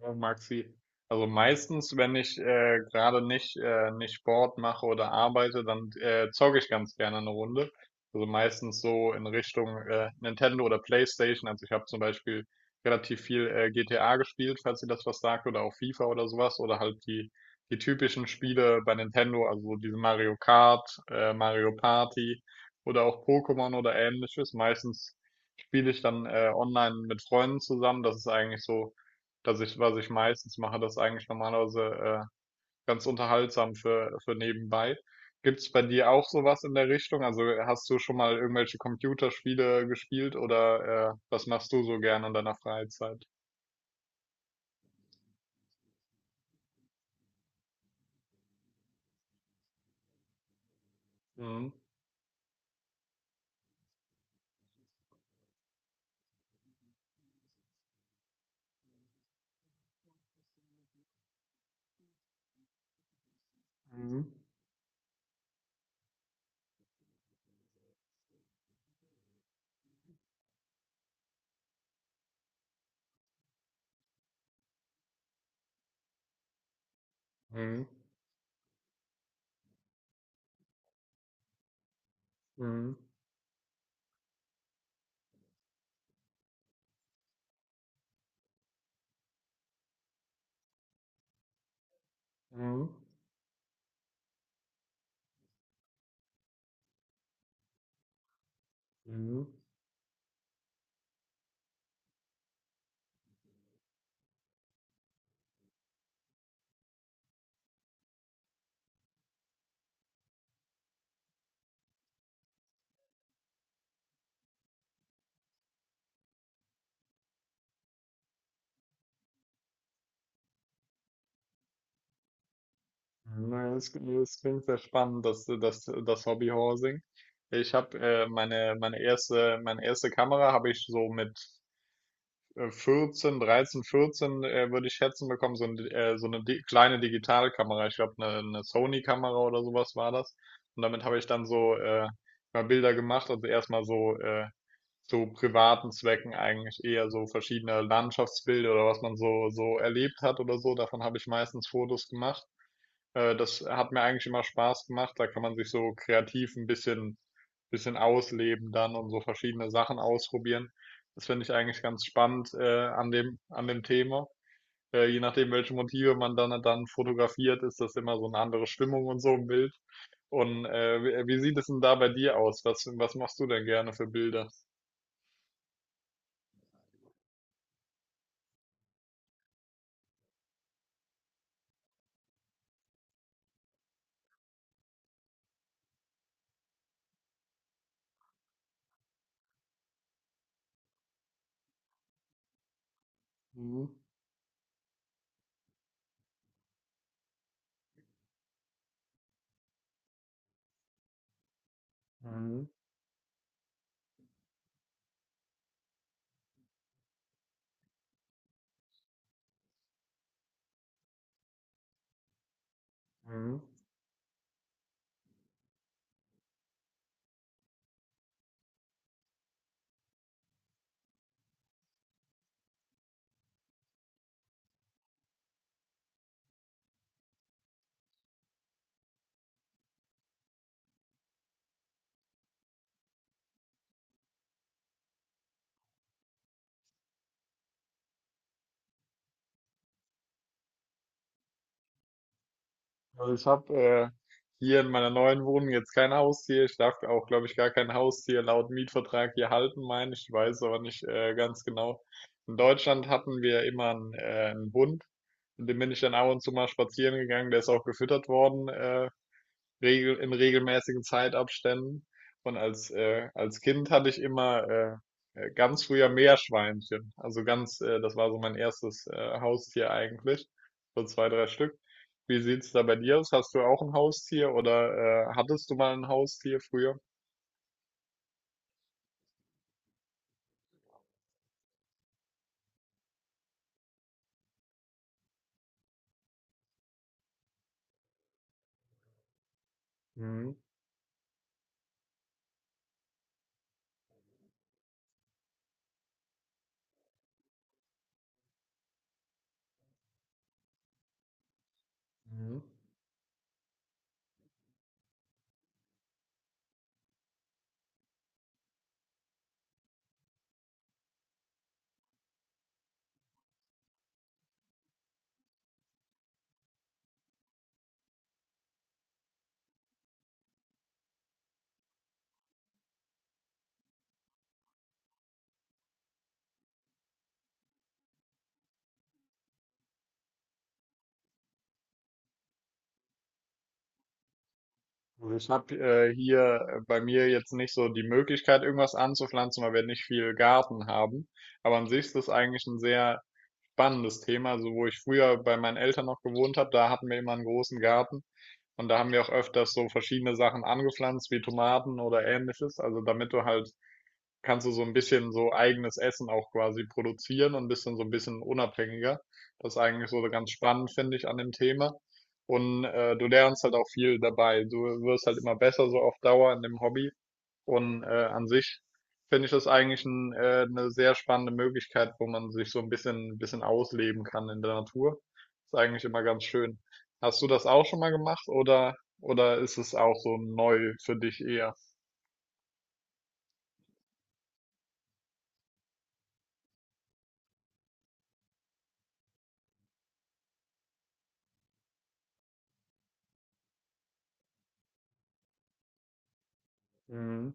Ja, Maxi, also meistens, wenn ich gerade nicht, nicht Sport mache oder arbeite, dann zocke ich ganz gerne eine Runde. Also meistens so in Richtung Nintendo oder PlayStation. Also ich habe zum Beispiel relativ viel GTA gespielt, falls ihr das was sagt, oder auch FIFA oder sowas, oder halt die typischen Spiele bei Nintendo, also so diese Mario Kart, Mario Party oder auch Pokémon oder ähnliches. Meistens spiele ich dann online mit Freunden zusammen. Das ist eigentlich so, dass ich, was ich meistens mache, das eigentlich normalerweise ganz unterhaltsam für, nebenbei. Gibt's bei dir auch sowas in der Richtung? Also hast du schon mal irgendwelche Computerspiele gespielt oder was machst du so gerne in deiner Freizeit? Mhm. Mhm. Mhm. Mhm. Mhm. Mhm. Na, das klingt sehr spannend, das Hobby. Ich habe Meine erste Kamera habe ich so mit 14, 13, 14, würde ich schätzen bekommen, so, so eine di kleine Digitalkamera. Ich glaube, eine Sony-Kamera oder sowas war das. Und damit habe ich dann so mal Bilder gemacht, also erstmal so zu privaten Zwecken eigentlich eher so verschiedene Landschaftsbilder oder was man so erlebt hat oder so. Davon habe ich meistens Fotos gemacht. Das hat mir eigentlich immer Spaß gemacht. Da kann man sich so kreativ ein bisschen ausleben dann und so verschiedene Sachen ausprobieren. Das finde ich eigentlich ganz spannend, an dem Thema. Je nachdem, welche Motive man dann fotografiert, ist das immer so eine andere Stimmung und so im Bild. Und wie sieht es denn da bei dir aus? Was machst du denn gerne für Bilder? Also ich habe hier in meiner neuen Wohnung jetzt kein Haustier. Ich darf auch, glaube ich, gar kein Haustier laut Mietvertrag hier halten, meine ich. Ich weiß aber nicht ganz genau. In Deutschland hatten wir immer einen Hund. Mit dem bin ich dann ab und zu mal spazieren gegangen. Der ist auch gefüttert worden, regel in regelmäßigen Zeitabständen. Und als Kind hatte ich immer ganz früher Meerschweinchen. Also das war so mein erstes Haustier eigentlich. So zwei, drei Stück. Wie sieht's da bei dir aus? Hast du auch ein Haustier oder hattest du mal ein Haustier früher? Mhm. Mhm. Also ich habe hier bei mir jetzt nicht so die Möglichkeit, irgendwas anzupflanzen, weil wir nicht viel Garten haben. Aber an sich ist das eigentlich ein sehr spannendes Thema. Also wo ich früher bei meinen Eltern noch gewohnt habe, da hatten wir immer einen großen Garten und da haben wir auch öfters so verschiedene Sachen angepflanzt, wie Tomaten oder ähnliches. Also kannst du so ein bisschen so eigenes Essen auch quasi produzieren und bist dann so ein bisschen unabhängiger. Das ist eigentlich so ganz spannend, finde ich, an dem Thema. Und du lernst halt auch viel dabei. Du wirst halt immer besser so auf Dauer in dem Hobby. Und an sich finde ich das eigentlich eine sehr spannende Möglichkeit, wo man sich so ein bisschen ausleben kann in der Natur. Ist eigentlich immer ganz schön. Hast du das auch schon mal gemacht oder ist es auch so neu für dich eher? Mhm.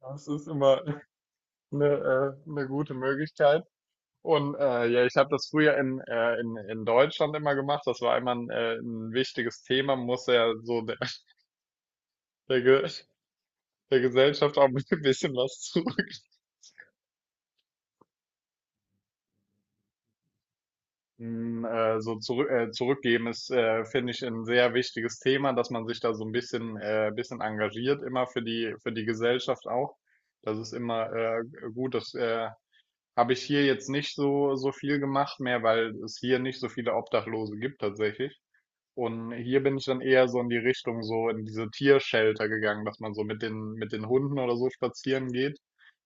Das ist immer eine gute Möglichkeit. Und ja, ich habe das früher in Deutschland immer gemacht. Das war immer ein wichtiges Thema, muss ja so der, Ge der Gesellschaft auch ein bisschen was zurück. So zurückgeben ist, finde ich, ein sehr wichtiges Thema, dass man sich da so ein bisschen engagiert, immer für die Gesellschaft auch. Das ist immer, gut. Das habe ich hier jetzt nicht so viel gemacht mehr, weil es hier nicht so viele Obdachlose gibt tatsächlich. Und hier bin ich dann eher so in die Richtung, so in diese Tiershelter gegangen, dass man so mit den Hunden oder so spazieren geht.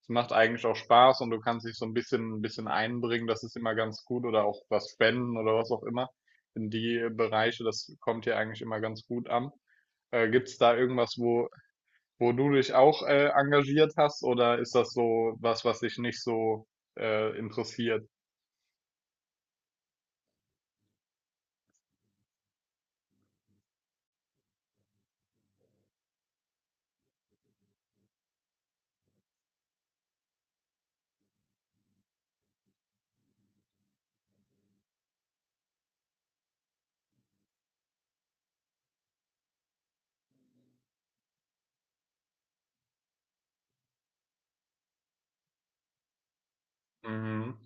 Es macht eigentlich auch Spaß und du kannst dich so ein bisschen einbringen, das ist immer ganz gut oder auch was spenden oder was auch immer. In die Bereiche, das kommt hier eigentlich immer ganz gut an. Gibt's da irgendwas, wo du dich auch engagiert hast oder ist das so was, was dich nicht so interessiert? Mhm.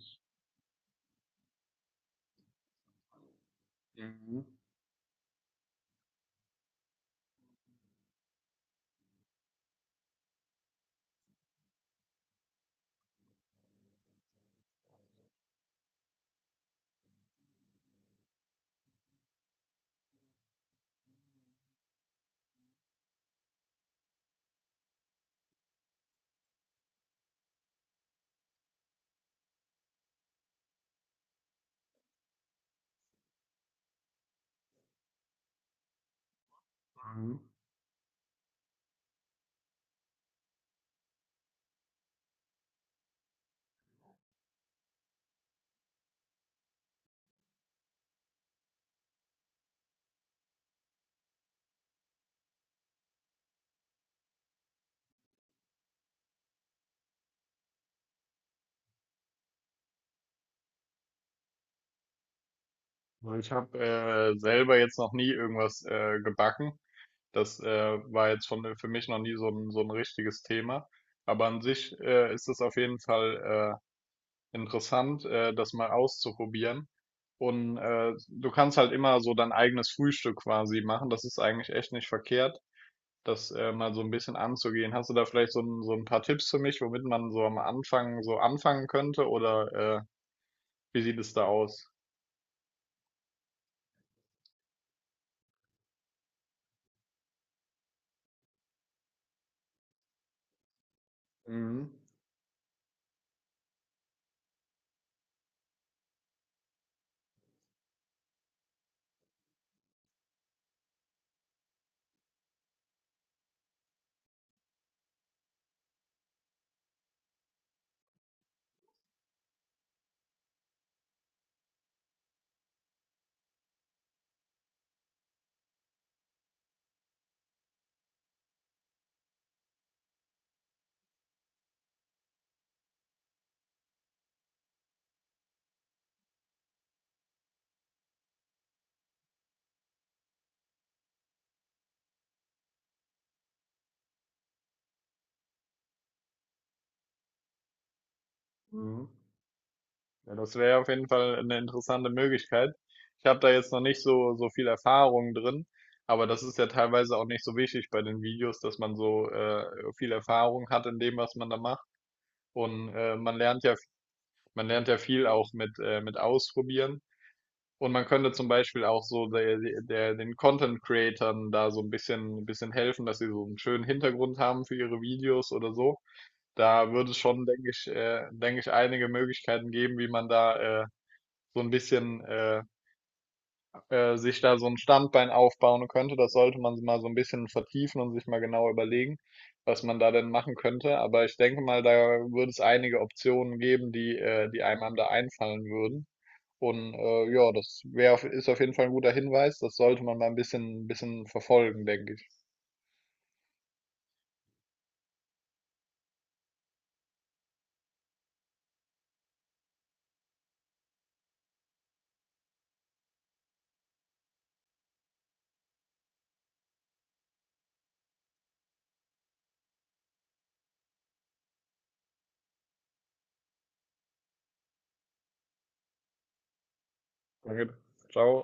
Mhm. Mhm. Weil Ich habe selber jetzt noch nie irgendwas gebacken. Das war jetzt schon für mich noch nie so ein richtiges Thema. Aber an sich ist es auf jeden Fall interessant, das mal auszuprobieren. Und du kannst halt immer so dein eigenes Frühstück quasi machen. Das ist eigentlich echt nicht verkehrt, das mal so ein bisschen anzugehen. Hast du da vielleicht so ein paar Tipps für mich, womit man so am Anfang so anfangen könnte? Oder wie sieht es da aus? Mhm. Mhm. Ja, das wäre auf jeden Fall eine interessante Möglichkeit. Ich habe da jetzt noch nicht so viel Erfahrung drin, aber das ist ja teilweise auch nicht so wichtig bei den Videos, dass man so viel Erfahrung hat in dem, was man da macht. Und man lernt ja viel auch mit Ausprobieren. Und man könnte zum Beispiel auch so den Content-Creatern da so ein bisschen helfen, dass sie so einen schönen Hintergrund haben für ihre Videos oder so. Da würde es schon, denke ich, einige Möglichkeiten geben, wie man da, so ein bisschen sich da so ein Standbein aufbauen könnte. Das sollte man mal so ein bisschen vertiefen und sich mal genau überlegen, was man da denn machen könnte. Aber ich denke mal, da würde es einige Optionen geben, die einem da einfallen würden. Und ja, das ist auf jeden Fall ein guter Hinweis. Das sollte man mal ein bisschen verfolgen, denke ich. Danke. Ciao.